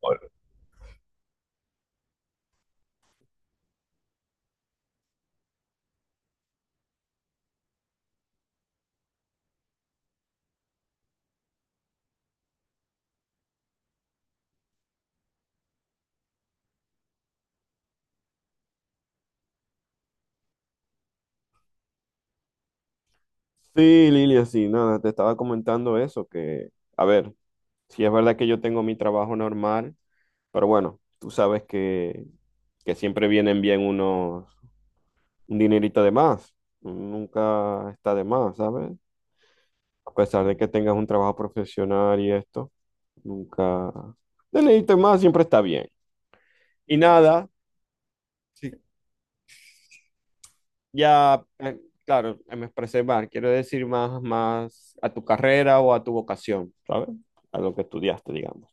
Bueno, sí, Lilia, sí, nada, te estaba comentando eso, que, a ver, sí es verdad que yo tengo mi trabajo normal, pero bueno, tú sabes que siempre vienen bien un dinerito de más, nunca está de más, ¿sabes? A pesar de que tengas un trabajo profesional y esto, nunca, dinerito de más siempre está bien. Y nada, sí. Ya, claro, me expresé mal. Quiero decir más a tu carrera o a tu vocación, ¿sabes? A lo que estudiaste, digamos.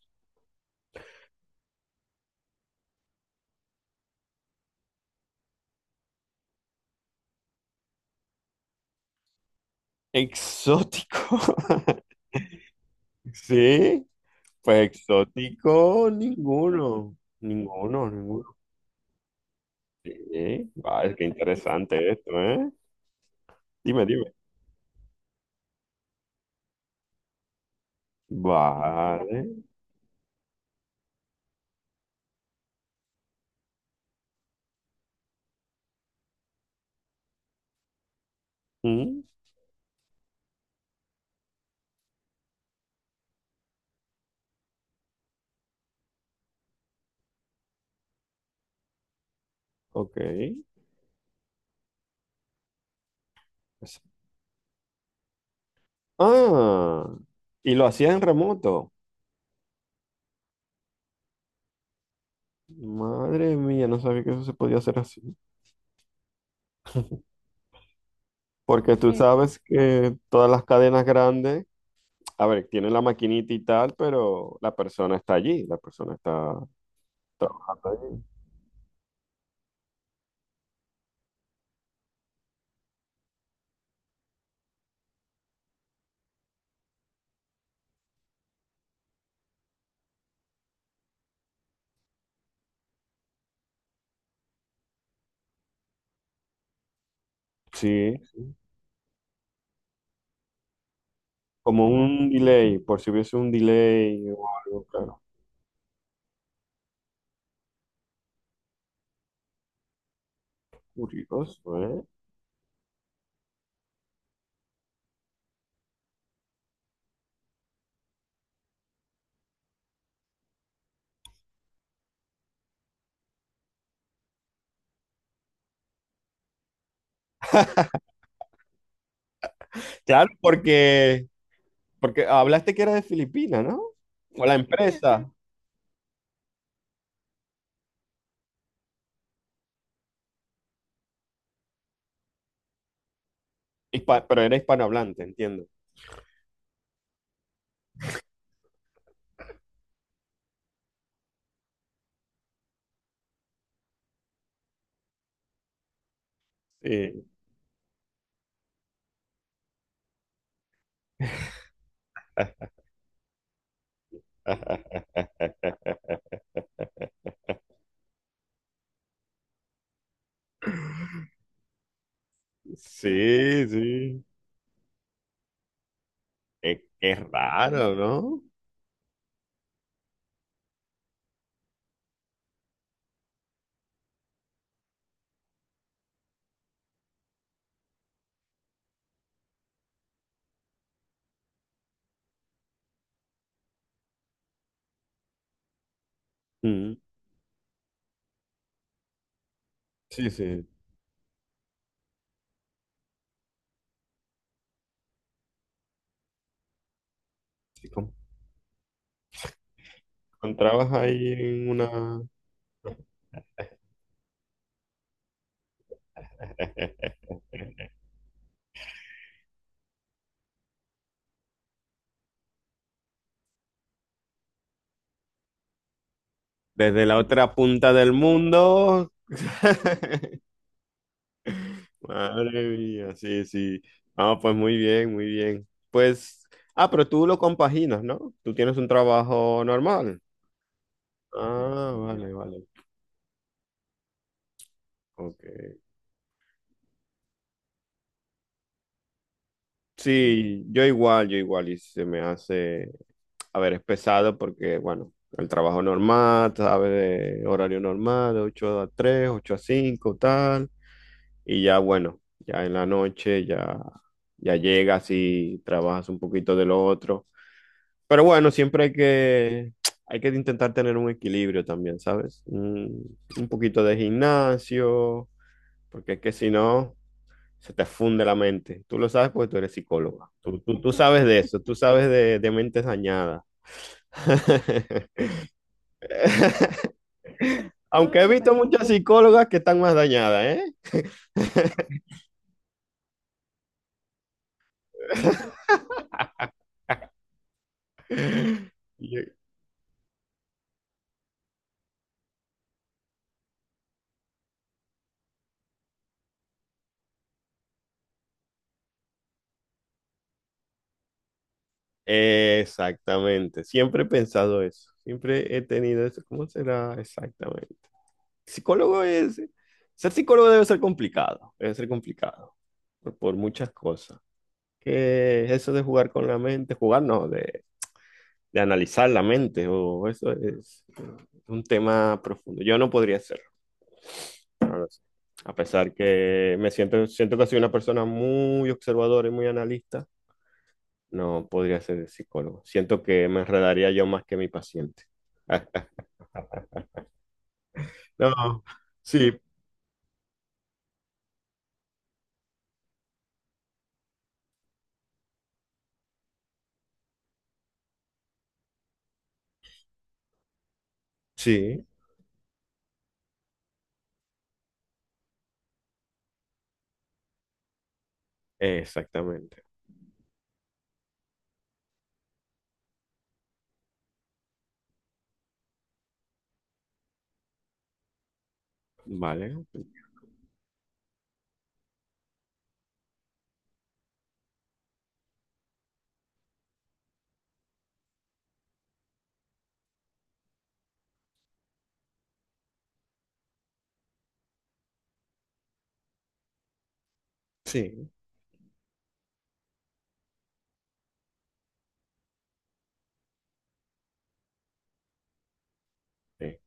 Exótico. Sí, pues exótico ninguno. Ninguno, ninguno. Sí, vale, qué interesante esto, ¿eh? Dime, dime. Vale. Mm, ok. Pues- Ah, y lo hacía en remoto. Madre mía, no sabía que eso se podía hacer así. Porque tú, sí, sabes que todas las cadenas grandes, a ver, tienen la maquinita y tal, pero la persona está allí, la persona está trabajando allí. Sí, como un delay, por si hubiese un delay o algo, claro. Curioso, ¿eh? Claro, porque, hablaste que era de Filipinas, ¿no? O la empresa, pero era hispanohablante, entiendo. Sí. Sí, sí. Qué raro, ¿no? Sí, sí, sí, encontrabas ahí en una. Desde la otra punta del mundo. Madre mía, sí, sí. Ah, pues muy bien, muy bien. Pues, pero tú lo compaginas, ¿no? Tú tienes un trabajo normal. Ah, vale, vale. Ok. Sí, yo igual, y se me hace, a ver, es pesado porque, bueno, el trabajo normal, sabes, de horario normal, de 8 a 3 8 a 5 tal. Y ya bueno, ya en la noche ya llegas y trabajas un poquito de lo otro. Pero bueno, siempre hay que intentar tener un equilibrio también, ¿sabes? Un poquito de gimnasio, porque es que si no, se te funde la mente. Tú lo sabes porque tú eres psicóloga. Tú sabes de eso, tú sabes de mentes dañadas. Aunque he visto muchas psicólogas que están más dañadas, ¿eh? Exactamente, siempre he pensado eso, siempre he tenido eso. ¿Cómo será exactamente? Psicólogo es, ser psicólogo debe ser complicado por muchas cosas. Que eso de jugar con la mente, jugar no, de analizar la mente, o eso es un tema profundo. Yo no podría hacerlo, no lo sé. A pesar que siento que soy una persona muy observadora y muy analista. No podría ser el psicólogo. Siento que me enredaría yo más que mi paciente. No, sí, sí, exactamente. Vale, sí, sí,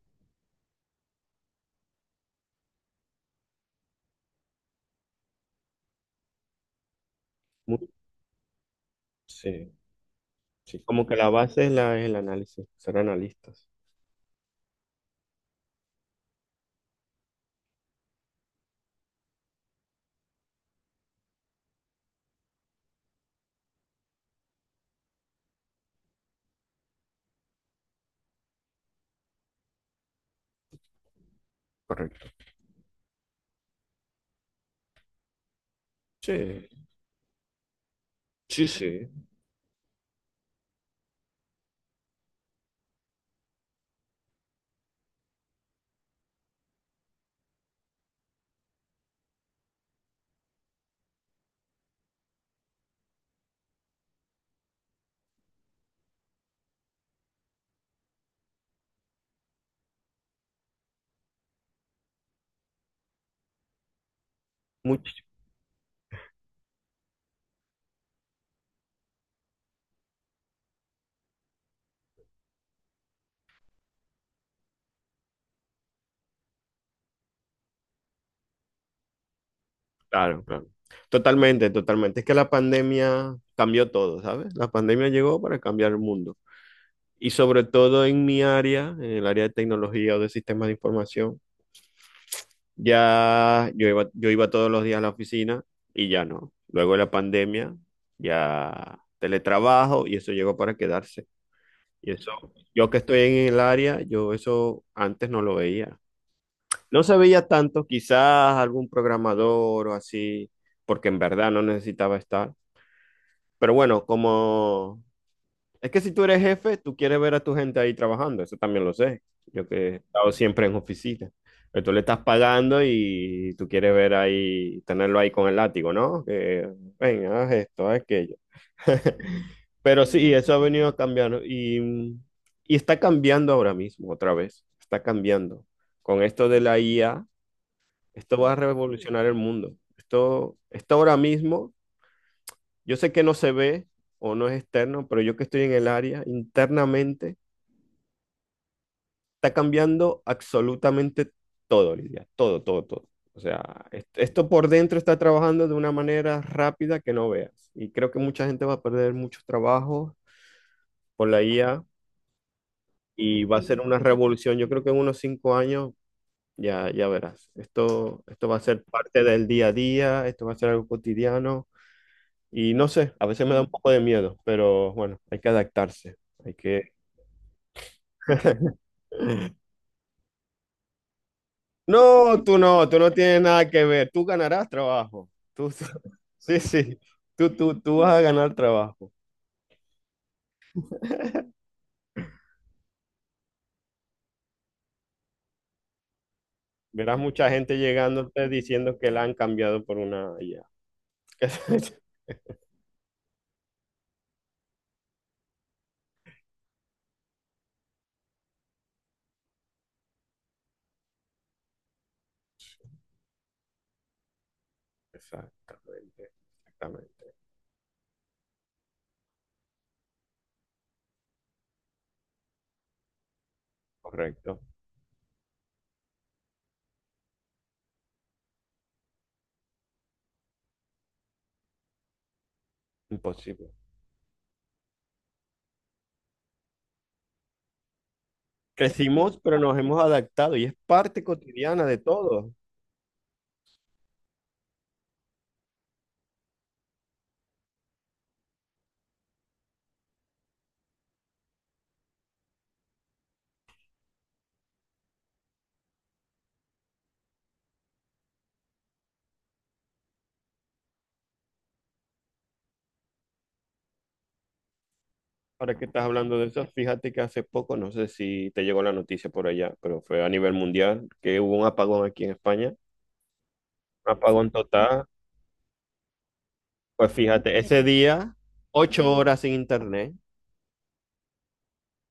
Mu- sí, sí. Como que la base es, el análisis, ser analistas. Correcto. Sí, sí, sí. Mucho, claro, claro. Totalmente, totalmente. Es que la pandemia cambió todo, ¿sabes? La pandemia llegó para cambiar el mundo. Y sobre todo en mi área, en el área de tecnología o de sistemas de información. Ya yo iba todos los días a la oficina y ya no. Luego de la pandemia, ya teletrabajo y eso llegó para quedarse. Y eso, yo que estoy en el área, yo eso antes no lo veía. No se veía tanto, quizás algún programador o así, porque en verdad no necesitaba estar. Pero bueno, como es que si tú eres jefe, tú quieres ver a tu gente ahí trabajando, eso también lo sé. Yo que he estado siempre en oficina. Pero tú le estás pagando y tú quieres ver ahí, tenerlo ahí con el látigo, ¿no? Que, ven, haz esto, haz aquello. Pero sí, eso ha venido a cambiar, ¿no?, y está cambiando ahora mismo, otra vez. Está cambiando. Con esto de la IA, esto va a revolucionar el mundo. Esto ahora mismo yo sé que no se ve o no es externo, pero yo que estoy en el área, internamente, está cambiando absolutamente todo, Lidia. Todo, todo, todo. O sea, esto por dentro está trabajando de una manera rápida que no veas. Y creo que mucha gente va a perder muchos trabajos por la IA y va a ser una revolución. Yo creo que en unos 5 años ya verás. Esto va a ser parte del día a día, esto va a ser algo cotidiano. Y no sé, a veces me da un poco de miedo, pero bueno, hay que adaptarse. Hay que. No, tú no, tú no tienes nada que ver. Tú ganarás trabajo. Tú, tú- sí, sí, tú vas a ganar trabajo. Verás mucha gente llegándote diciendo que la han cambiado por una IA. Exactamente, exactamente. Correcto. Imposible. Crecimos, pero nos hemos adaptado y es parte cotidiana de todo. Ahora que estás hablando de eso, fíjate que hace poco, no sé si te llegó la noticia por allá, pero fue a nivel mundial que hubo un apagón aquí en España. Un apagón total. Pues fíjate, ese día, 8 horas sin internet,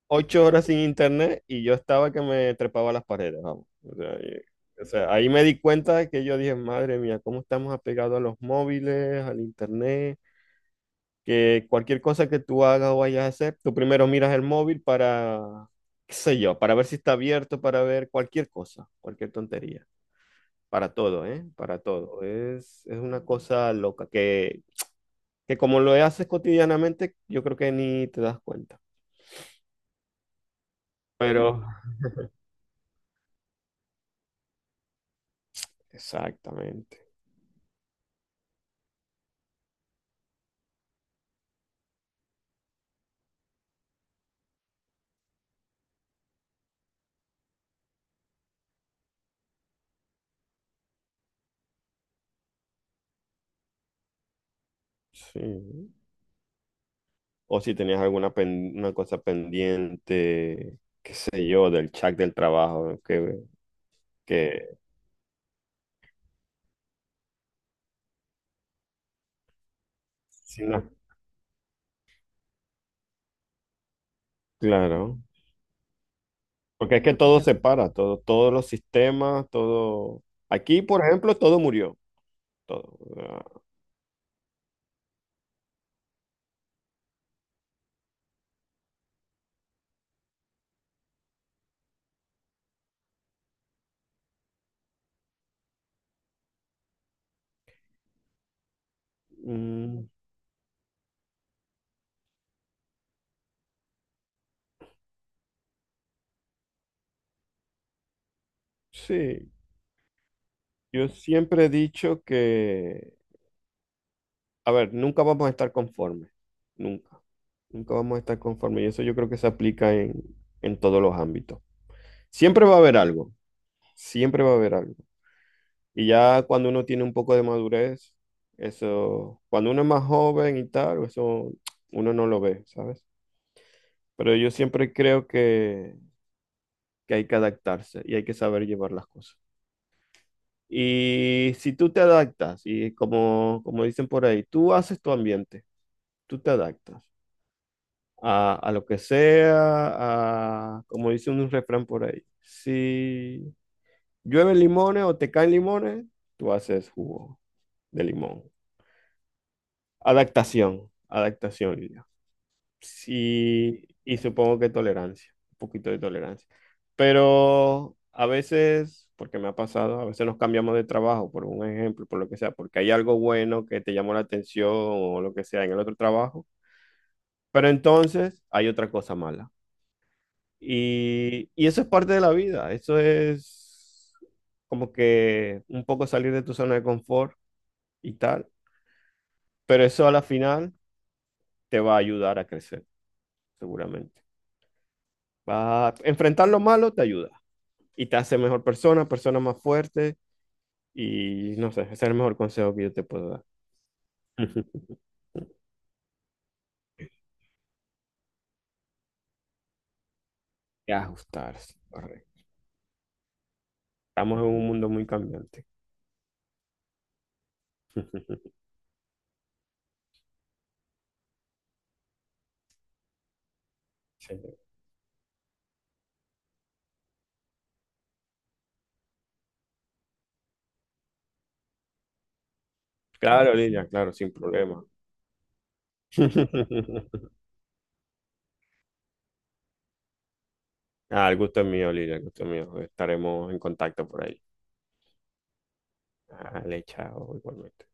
8 horas sin internet y yo estaba que me trepaba a las paredes, vamos. O sea, o sea, ahí me di cuenta de que yo dije, madre mía, cómo estamos apegados a los móviles, al internet, que cualquier cosa que tú hagas o vayas a hacer, tú primero miras el móvil para, qué sé yo, para ver si está abierto, para ver cualquier cosa, cualquier tontería. Para todo, ¿eh? Para todo. Es una cosa loca que como lo haces cotidianamente, yo creo que ni te das cuenta. Pero. Mm. Exactamente, sí. O si tenías alguna una cosa pendiente, qué sé yo, del chat del trabajo, que, sí, no, claro. Porque es que todo se para, todo, todos los sistemas, todo. Aquí, por ejemplo, todo murió, todo. O sea, mm, sí, yo siempre he dicho que, a ver, nunca vamos a estar conformes, nunca. Nunca vamos a estar conformes. Y eso yo creo que se aplica en todos los ámbitos. Siempre va a haber algo, siempre va a haber algo. Y ya cuando uno tiene un poco de madurez, eso, cuando uno es más joven y tal, eso uno no lo ve, ¿sabes? Pero yo siempre creo que hay que adaptarse y hay que saber llevar las cosas. Y si tú te adaptas, y como dicen por ahí, tú haces tu ambiente, tú te adaptas, a lo que sea, como dice un refrán por ahí, si llueve limones o te caen limones, tú haces jugo de limón. Adaptación, adaptación, Lidia. Sí, y supongo que tolerancia, un poquito de tolerancia. Pero a veces, porque me ha pasado, a veces nos cambiamos de trabajo, por un ejemplo, por lo que sea, porque hay algo bueno que te llamó la atención o lo que sea en el otro trabajo, pero entonces hay otra cosa mala. Y eso es parte de la vida, eso es como que un poco salir de tu zona de confort y tal, pero eso a la final te va a ayudar a crecer, seguramente. Va a enfrentar lo malo te ayuda y te hace mejor persona, persona más fuerte y no sé, ese es el mejor consejo que yo te puedo dar. Y ajustarse, correcto. Estamos en un mundo muy cambiante. Sí. Claro, Lidia, claro, sin problema. Ah, el gusto es mío, Lidia, el gusto es mío. Estaremos en contacto por ahí. Dale, chao, igualmente.